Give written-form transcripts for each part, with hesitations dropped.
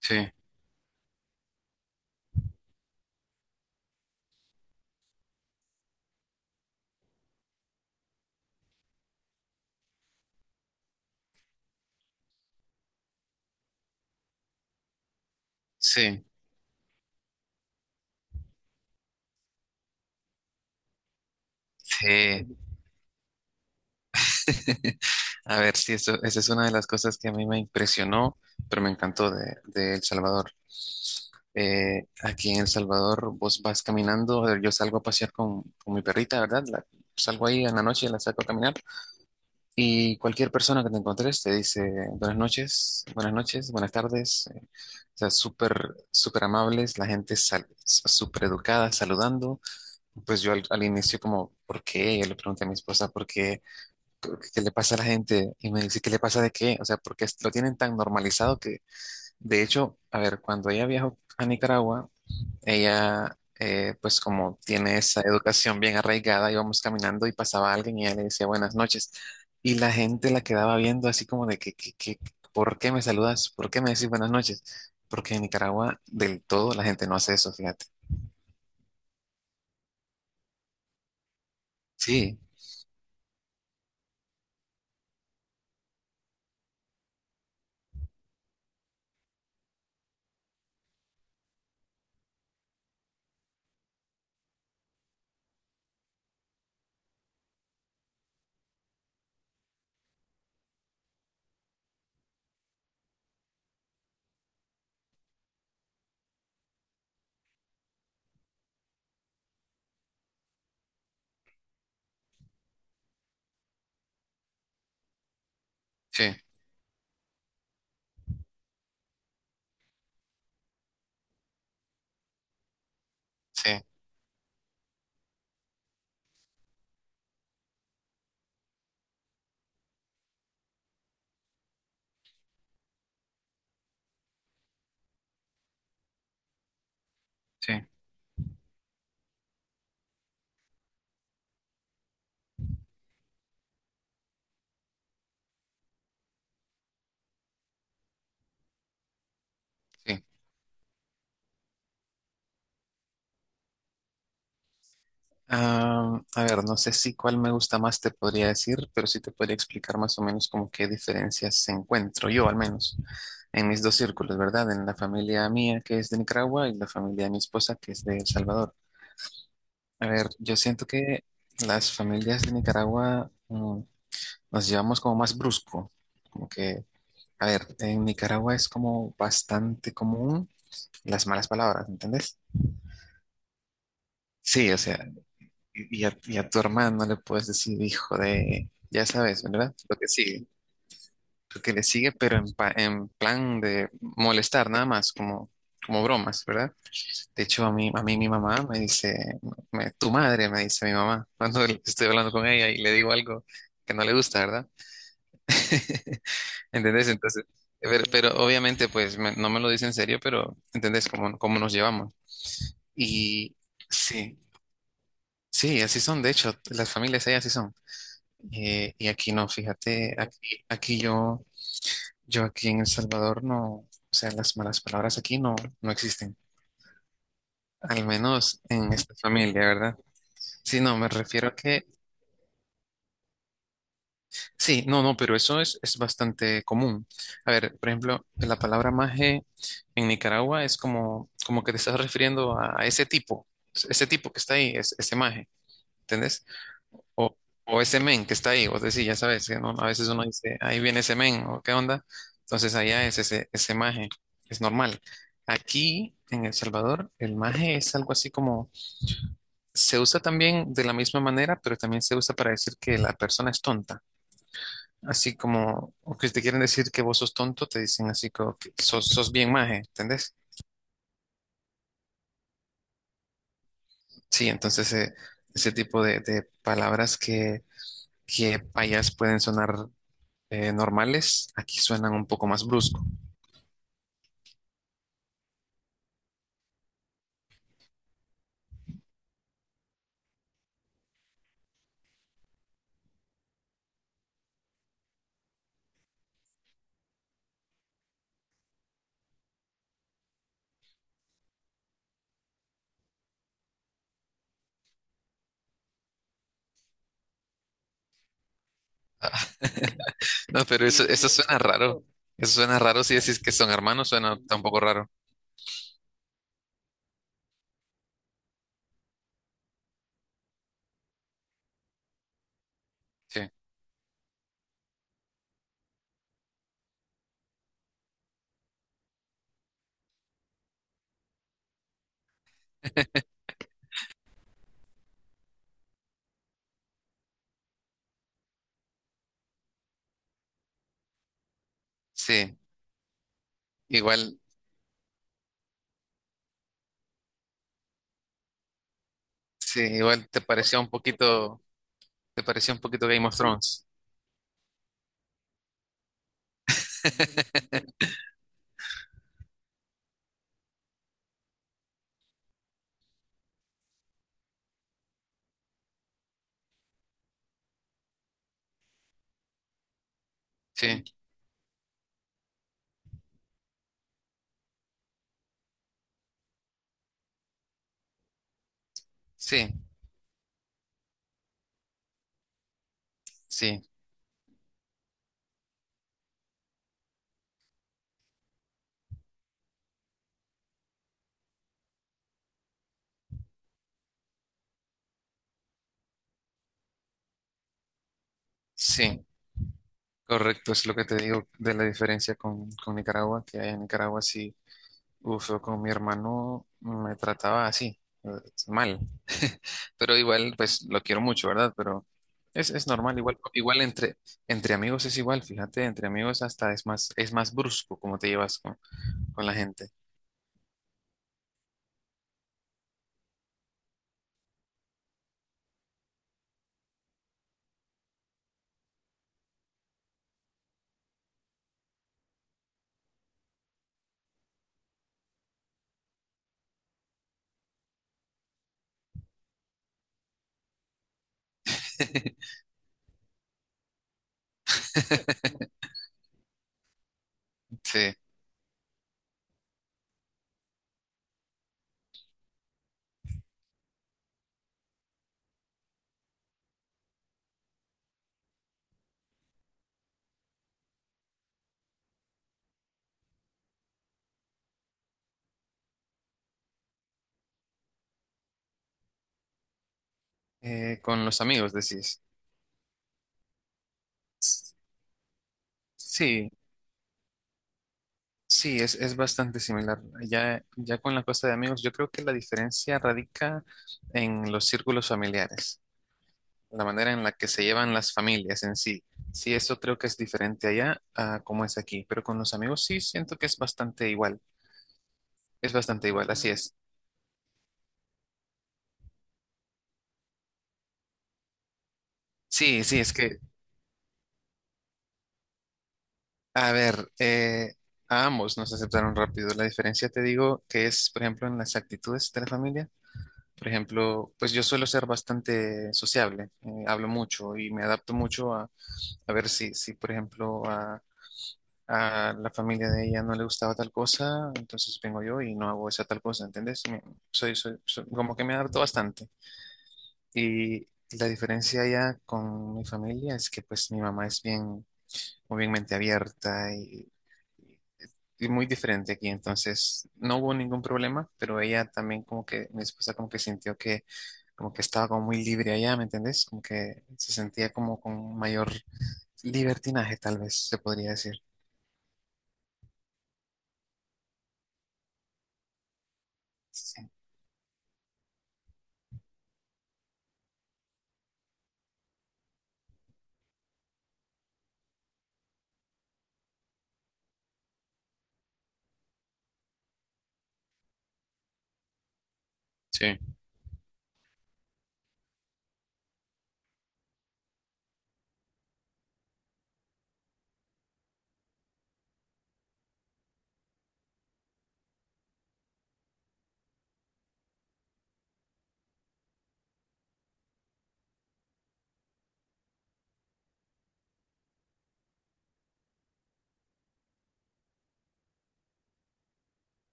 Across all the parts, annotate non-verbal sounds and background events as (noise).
Sí, sí, sí. (laughs) A ver, sí, eso, esa es una de las cosas que a mí me impresionó, pero me encantó de El Salvador. Aquí en El Salvador vos vas caminando, a yo salgo a pasear con mi perrita, ¿verdad? Salgo ahí en la noche, la saco a caminar y cualquier persona que te encuentres te dice buenas noches, buenas noches, buenas tardes. O sea, súper, súper amables, la gente súper educada, saludando. Pues yo al inicio como, ¿por qué? Yo le pregunté a mi esposa, ¿por qué? ¿Qué le pasa a la gente? Y me dice, ¿qué le pasa de qué? O sea, porque lo tienen tan normalizado que, de hecho, a ver, cuando ella viajó a Nicaragua, ella, pues como tiene esa educación bien arraigada, íbamos caminando y pasaba alguien y ella le decía buenas noches. Y la gente la quedaba viendo así como de ¿por qué me saludas? ¿Por qué me decís buenas noches? Porque en Nicaragua del todo la gente no hace eso, fíjate. Sí, sí, sí, sí, sí. Ah, a ver, no sé si cuál me gusta más te podría decir, pero sí te podría explicar más o menos como qué diferencias encuentro yo, al menos, en mis dos círculos, ¿verdad? En la familia mía, que es de Nicaragua, y la familia de mi esposa, que es de El Salvador. A ver, yo siento que las familias de Nicaragua, nos llevamos como más brusco, como que, a ver, en Nicaragua es como bastante común las malas palabras, ¿entendés? Sí, o sea, y a tu hermano le puedes decir, hijo de, ya sabes, ¿verdad? Lo que sigue, lo que le sigue, pero en plan de molestar nada más, como, como bromas, ¿verdad? De hecho, a mí mi mamá me dice, tu madre me dice mi mamá, (laughs) cuando estoy hablando con ella y le digo algo que no le gusta, ¿verdad? (laughs) ¿Entendés? Entonces, pero obviamente, pues no me lo dice en serio, pero ¿entendés cómo, cómo nos llevamos? Y sí, sí, así son, de hecho, las familias ahí así son. Y aquí no, fíjate, aquí yo, yo aquí en El Salvador no, o sea, las malas palabras aquí no, no existen, al menos en esta familia, ¿verdad? Sí, no, me refiero a que, sí, no, no, pero eso es bastante común. A ver, por ejemplo, la palabra maje en Nicaragua es como, como que te estás refiriendo a ese tipo que está ahí, es, ese maje, ¿entendés? O, o ese men que está ahí, vos decís, ya sabes, que a veces uno dice, ahí viene ese men, o qué onda. Entonces allá es ese maje, es normal. Aquí en El Salvador, el maje es algo así como, se usa también de la misma manera, pero también se usa para decir que la persona es tonta. Así como, o que te quieren decir que vos sos tonto, te dicen así como que sos, sos bien maje, ¿entendés? Sí, entonces ese tipo de palabras que payas pueden sonar normales, aquí suenan un poco más brusco. (laughs) No, pero eso, sí, eso suena raro. Eso suena raro si decís que son hermanos, suena tampoco raro. Sí, sí, igual, sí, igual te parecía un poquito, te parecía un poquito Game of Thrones. (laughs) Sí, sí, sí, sí. Correcto, es lo que te digo de la diferencia con Nicaragua, que en Nicaragua sí. Uf, yo con mi hermano me trataba así, mal. (laughs) Pero igual, pues lo quiero mucho, ¿verdad? Pero es normal, igual, igual entre amigos es igual, fíjate, entre amigos hasta es más brusco cómo te llevas con la gente. (laughs) Sí, con los amigos decís. Sí, sí, es bastante similar. Ya con la cosa de amigos, yo creo que la diferencia radica en los círculos familiares. La manera en la que se llevan las familias en sí. Sí, eso creo que es diferente allá a cómo es aquí, pero con los amigos sí siento que es bastante igual, así es. Sí, sí, es que, a ver, a ambos nos aceptaron rápido. La diferencia te digo que es, por ejemplo, en las actitudes de la familia. Por ejemplo, pues yo suelo ser bastante sociable, hablo mucho y me adapto mucho a ver si, si, por ejemplo, a la familia de ella no le gustaba tal cosa, entonces vengo yo y no hago esa tal cosa, ¿entendés? Soy, soy, soy- como que me adapto bastante. Y la diferencia ya con mi familia es que pues mi mamá es bien, muy bien mente abierta y muy diferente aquí, entonces no hubo ningún problema, pero ella también como que, mi esposa como que sintió que como que estaba como muy libre allá, ¿me entendés? Como que se sentía como con mayor libertinaje, tal vez se podría decir. Sí. Sí.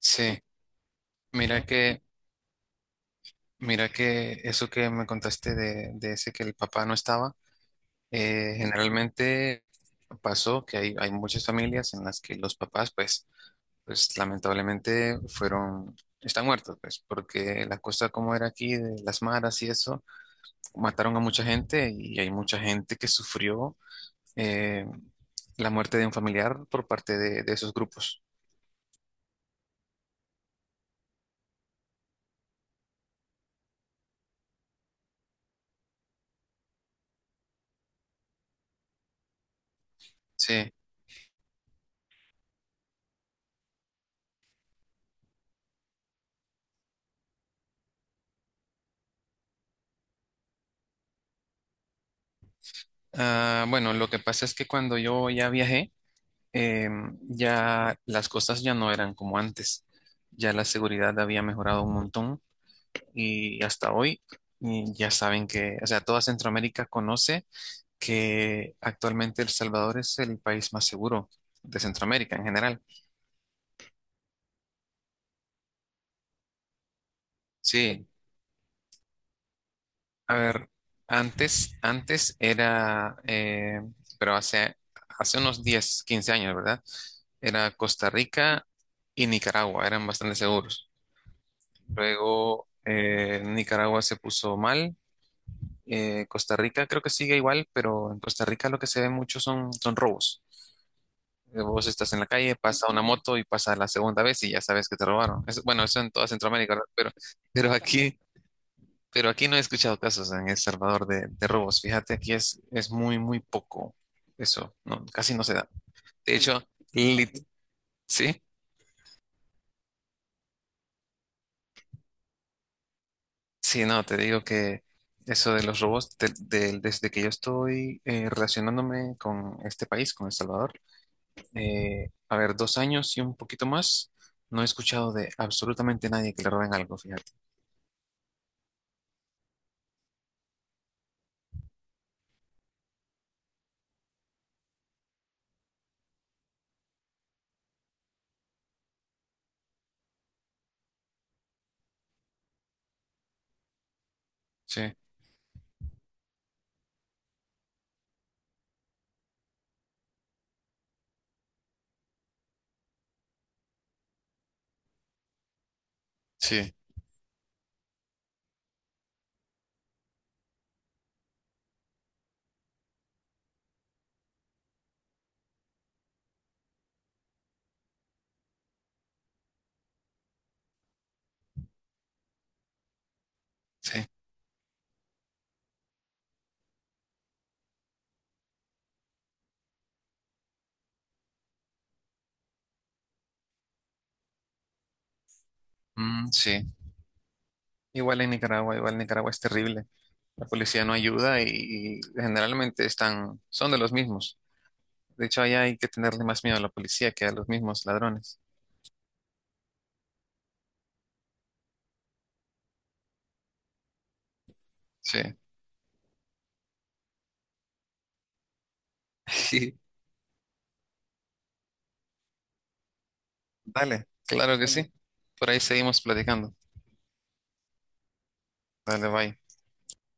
Sí. Mira que, mira que eso que me contaste de ese que el papá no estaba, generalmente pasó que hay muchas familias en las que los papás, pues, pues lamentablemente fueron, están muertos, pues, porque la cosa como era aquí, de las maras y eso, mataron a mucha gente y hay mucha gente que sufrió eh, la muerte de un familiar por parte de esos grupos. Sí. Ah, bueno, lo que pasa es que cuando yo ya viajé, ya las cosas ya no eran como antes, ya la seguridad había mejorado un montón y hasta hoy y ya saben que, o sea, toda Centroamérica conoce que actualmente El Salvador es el país más seguro de Centroamérica en general. Sí, a ver, antes era, pero hace, hace unos 10 o 15 años, ¿verdad? Era Costa Rica y Nicaragua, eran bastante seguros. Luego Nicaragua se puso mal. Costa Rica creo que sigue igual, pero en Costa Rica lo que se ve mucho son, son robos. Vos estás en la calle, pasa una moto y pasa la segunda vez y ya sabes que te robaron. Eso- bueno, eso en toda Centroamérica, ¿verdad? Pero, pero aquí, pero aquí no he escuchado casos en El Salvador de robos. Fíjate, aquí es muy, muy poco eso. No, casi no se da. De hecho, lit- ¿sí? Sí, no, te digo que eso de los robots, desde que yo estoy relacionándome con este país, con El Salvador, a ver, 2 años y un poquito más, no he escuchado de absolutamente nadie que le roben algo, fíjate. Sí, sí, sí, mm, sí. Igual en Nicaragua es terrible. La policía no ayuda y generalmente están, son de los mismos. De hecho, allá hay que tenerle más miedo a la policía que a los mismos ladrones. Sí. (laughs) Dale, claro que sí. Por ahí seguimos platicando. Dale, bye.